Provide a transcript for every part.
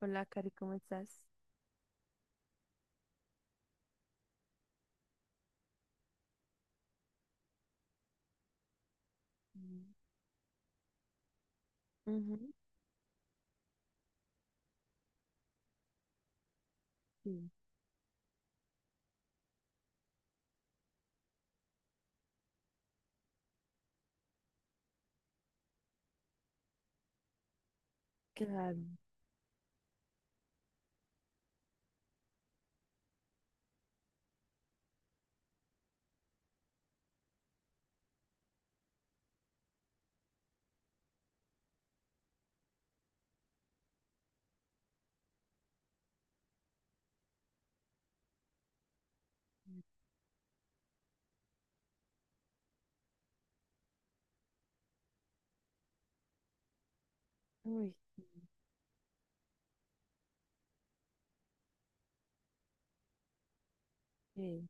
Hola, Cari, ¿cómo estás? Mm. Ujú. Sí. Claro. Mm. Uy. eh,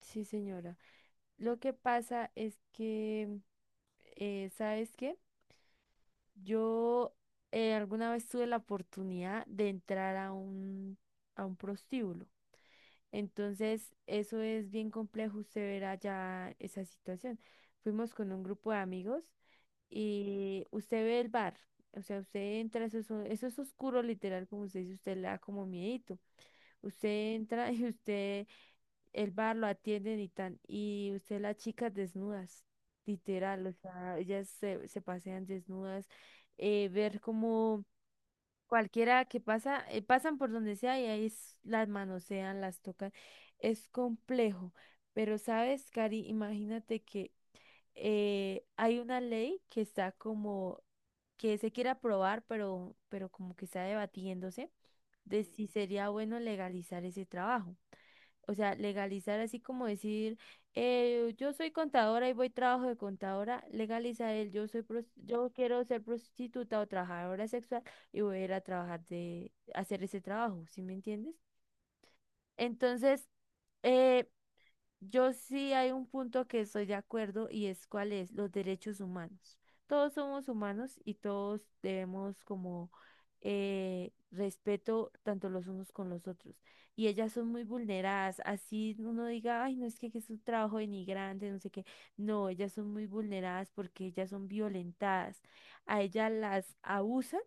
sí, señora. Lo que pasa es que, ¿sabes qué? Yo Alguna vez tuve la oportunidad de entrar a a un prostíbulo. Entonces, eso es bien complejo, usted verá ya esa situación. Fuimos con un grupo de amigos y usted ve el bar. O sea, usted entra, eso es, eso es oscuro, literal, como usted dice, usted le da como miedito. Usted entra y usted, el bar lo atienden y tan, y usted las chicas desnudas, literal, o sea, se pasean desnudas, ver como cualquiera que pasa, pasan por donde sea y ahí las manosean, las tocan, es complejo, pero sabes, Cari, imagínate que hay una ley que está como que se quiere aprobar, pero como que está debatiéndose de si sería bueno legalizar ese trabajo. O sea, legalizar así como decir, yo soy contadora y voy trabajo de contadora, legalizar el yo soy yo quiero ser prostituta o trabajadora sexual y voy a ir a trabajar de hacer ese trabajo, ¿sí me entiendes? Entonces, eh, yo sí hay un punto que estoy de acuerdo y es cuál es los derechos humanos. Todos somos humanos y todos debemos como respeto tanto los unos con los otros. Y ellas son muy vulneradas. Así uno diga, ay, no es que, es un trabajo denigrante, no sé qué. No, ellas son muy vulneradas porque ellas son violentadas. A ellas las abusan,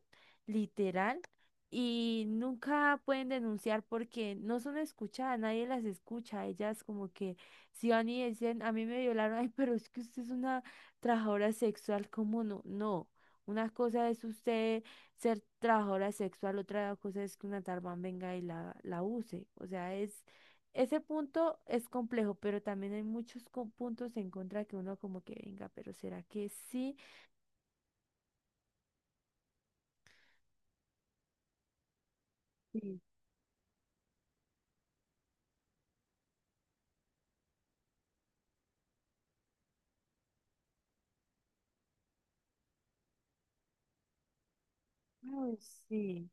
literal. Y nunca pueden denunciar porque no son escuchadas, nadie las escucha, ellas como que si van y dicen, a mí me violaron, ay, pero es que usted es una trabajadora sexual, ¿cómo no? No. Una cosa es usted ser trabajadora sexual, otra cosa es que una tarbán venga y la use. O sea, es, ese punto es complejo, pero también hay muchos puntos en contra que uno como que venga, pero ¿será que sí? Sí. Ay, sí.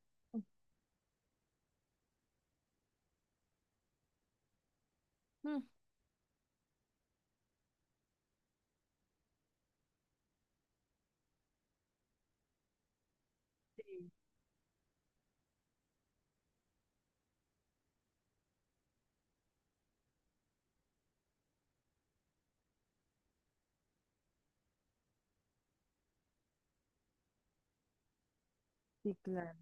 Mm. Sí. Sí, claro.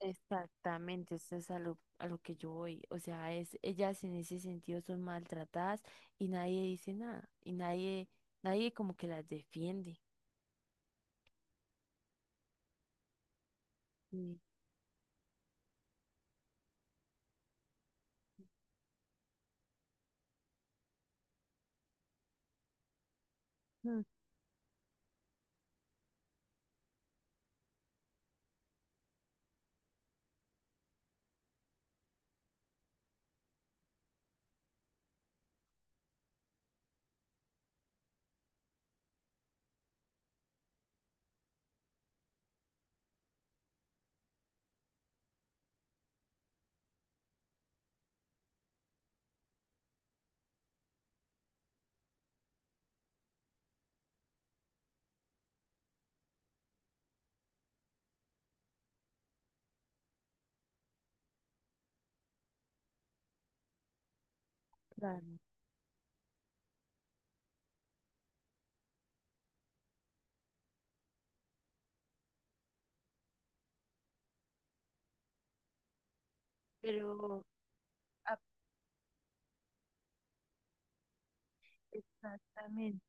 Exactamente, eso es a a lo que yo voy. O sea, es, ellas en ese sentido son maltratadas y nadie dice nada. Nadie como que las defiende. Sí. Mm. Claro. Pero, a- exactamente.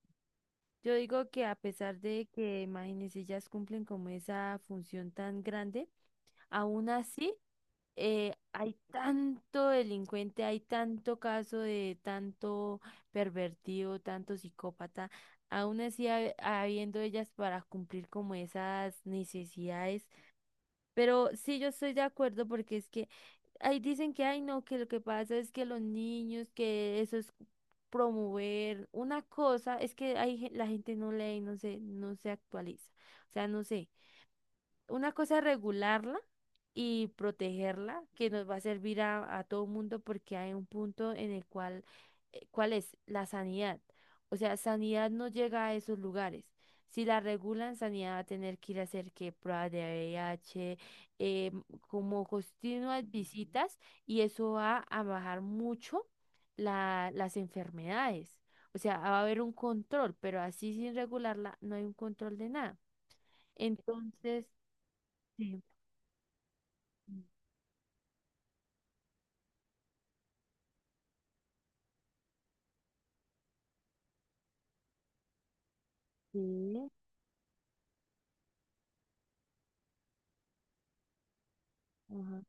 Yo digo que a pesar de que, imagínense, ellas cumplen como esa función tan grande, aún así, hay tanto delincuente, hay tanto caso de tanto pervertido, tanto psicópata. Aún así, habiendo ellas para cumplir como esas necesidades. Pero sí, yo estoy de acuerdo porque es que ahí dicen que, ay, no, que lo que pasa es que los niños, que eso es promover una cosa, es que hay, la gente no lee, no se actualiza. O sea, no sé. Una cosa es regularla y protegerla, que nos va a servir a todo el mundo porque hay un punto en el cual, ¿cuál es? La sanidad. O sea, sanidad no llega a esos lugares. Si la regulan, sanidad va a tener que ir a hacer que pruebas de VIH, eh, como continuas visitas y eso va a bajar mucho las enfermedades. O sea, va a haber un control, pero así sin regularla no hay un control de nada. Entonces, sí. Sí, ajá.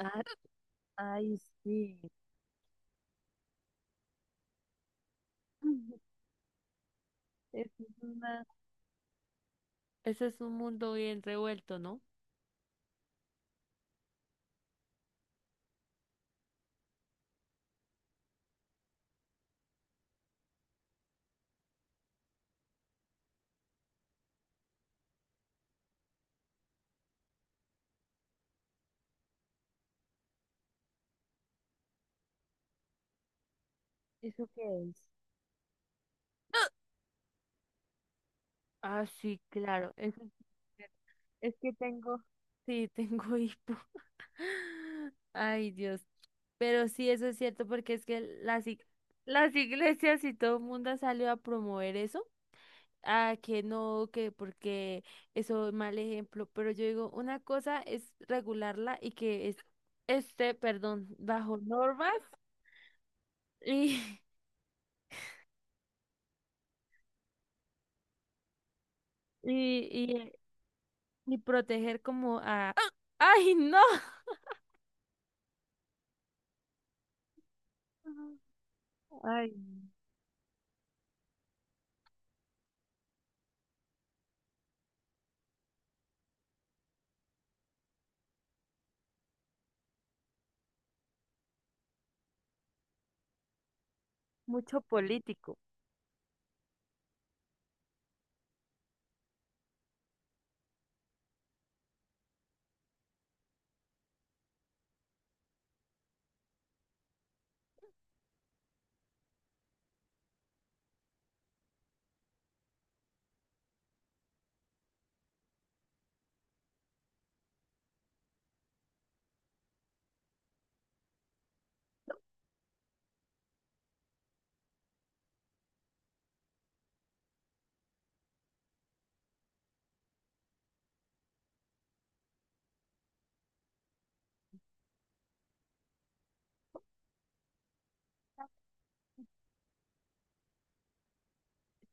Ah, ay, sí. Eso es una, ese es un mundo bien revuelto, ¿no? ¿Eso qué es? Ah, sí, claro. Eso es que tengo, sí, tengo hipo. Ay, Dios. Pero sí, eso es cierto porque es que las, las iglesias y todo el mundo ha salido a promover eso. Ah, que no, que porque eso es mal ejemplo, pero yo digo, una cosa es regularla y que es, esté, perdón, bajo normas y, y, y, y proteger como a... ¡Ay, no! Ay, mucho político.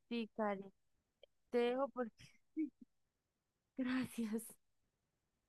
Sí, Karen, te dejo porque... Gracias.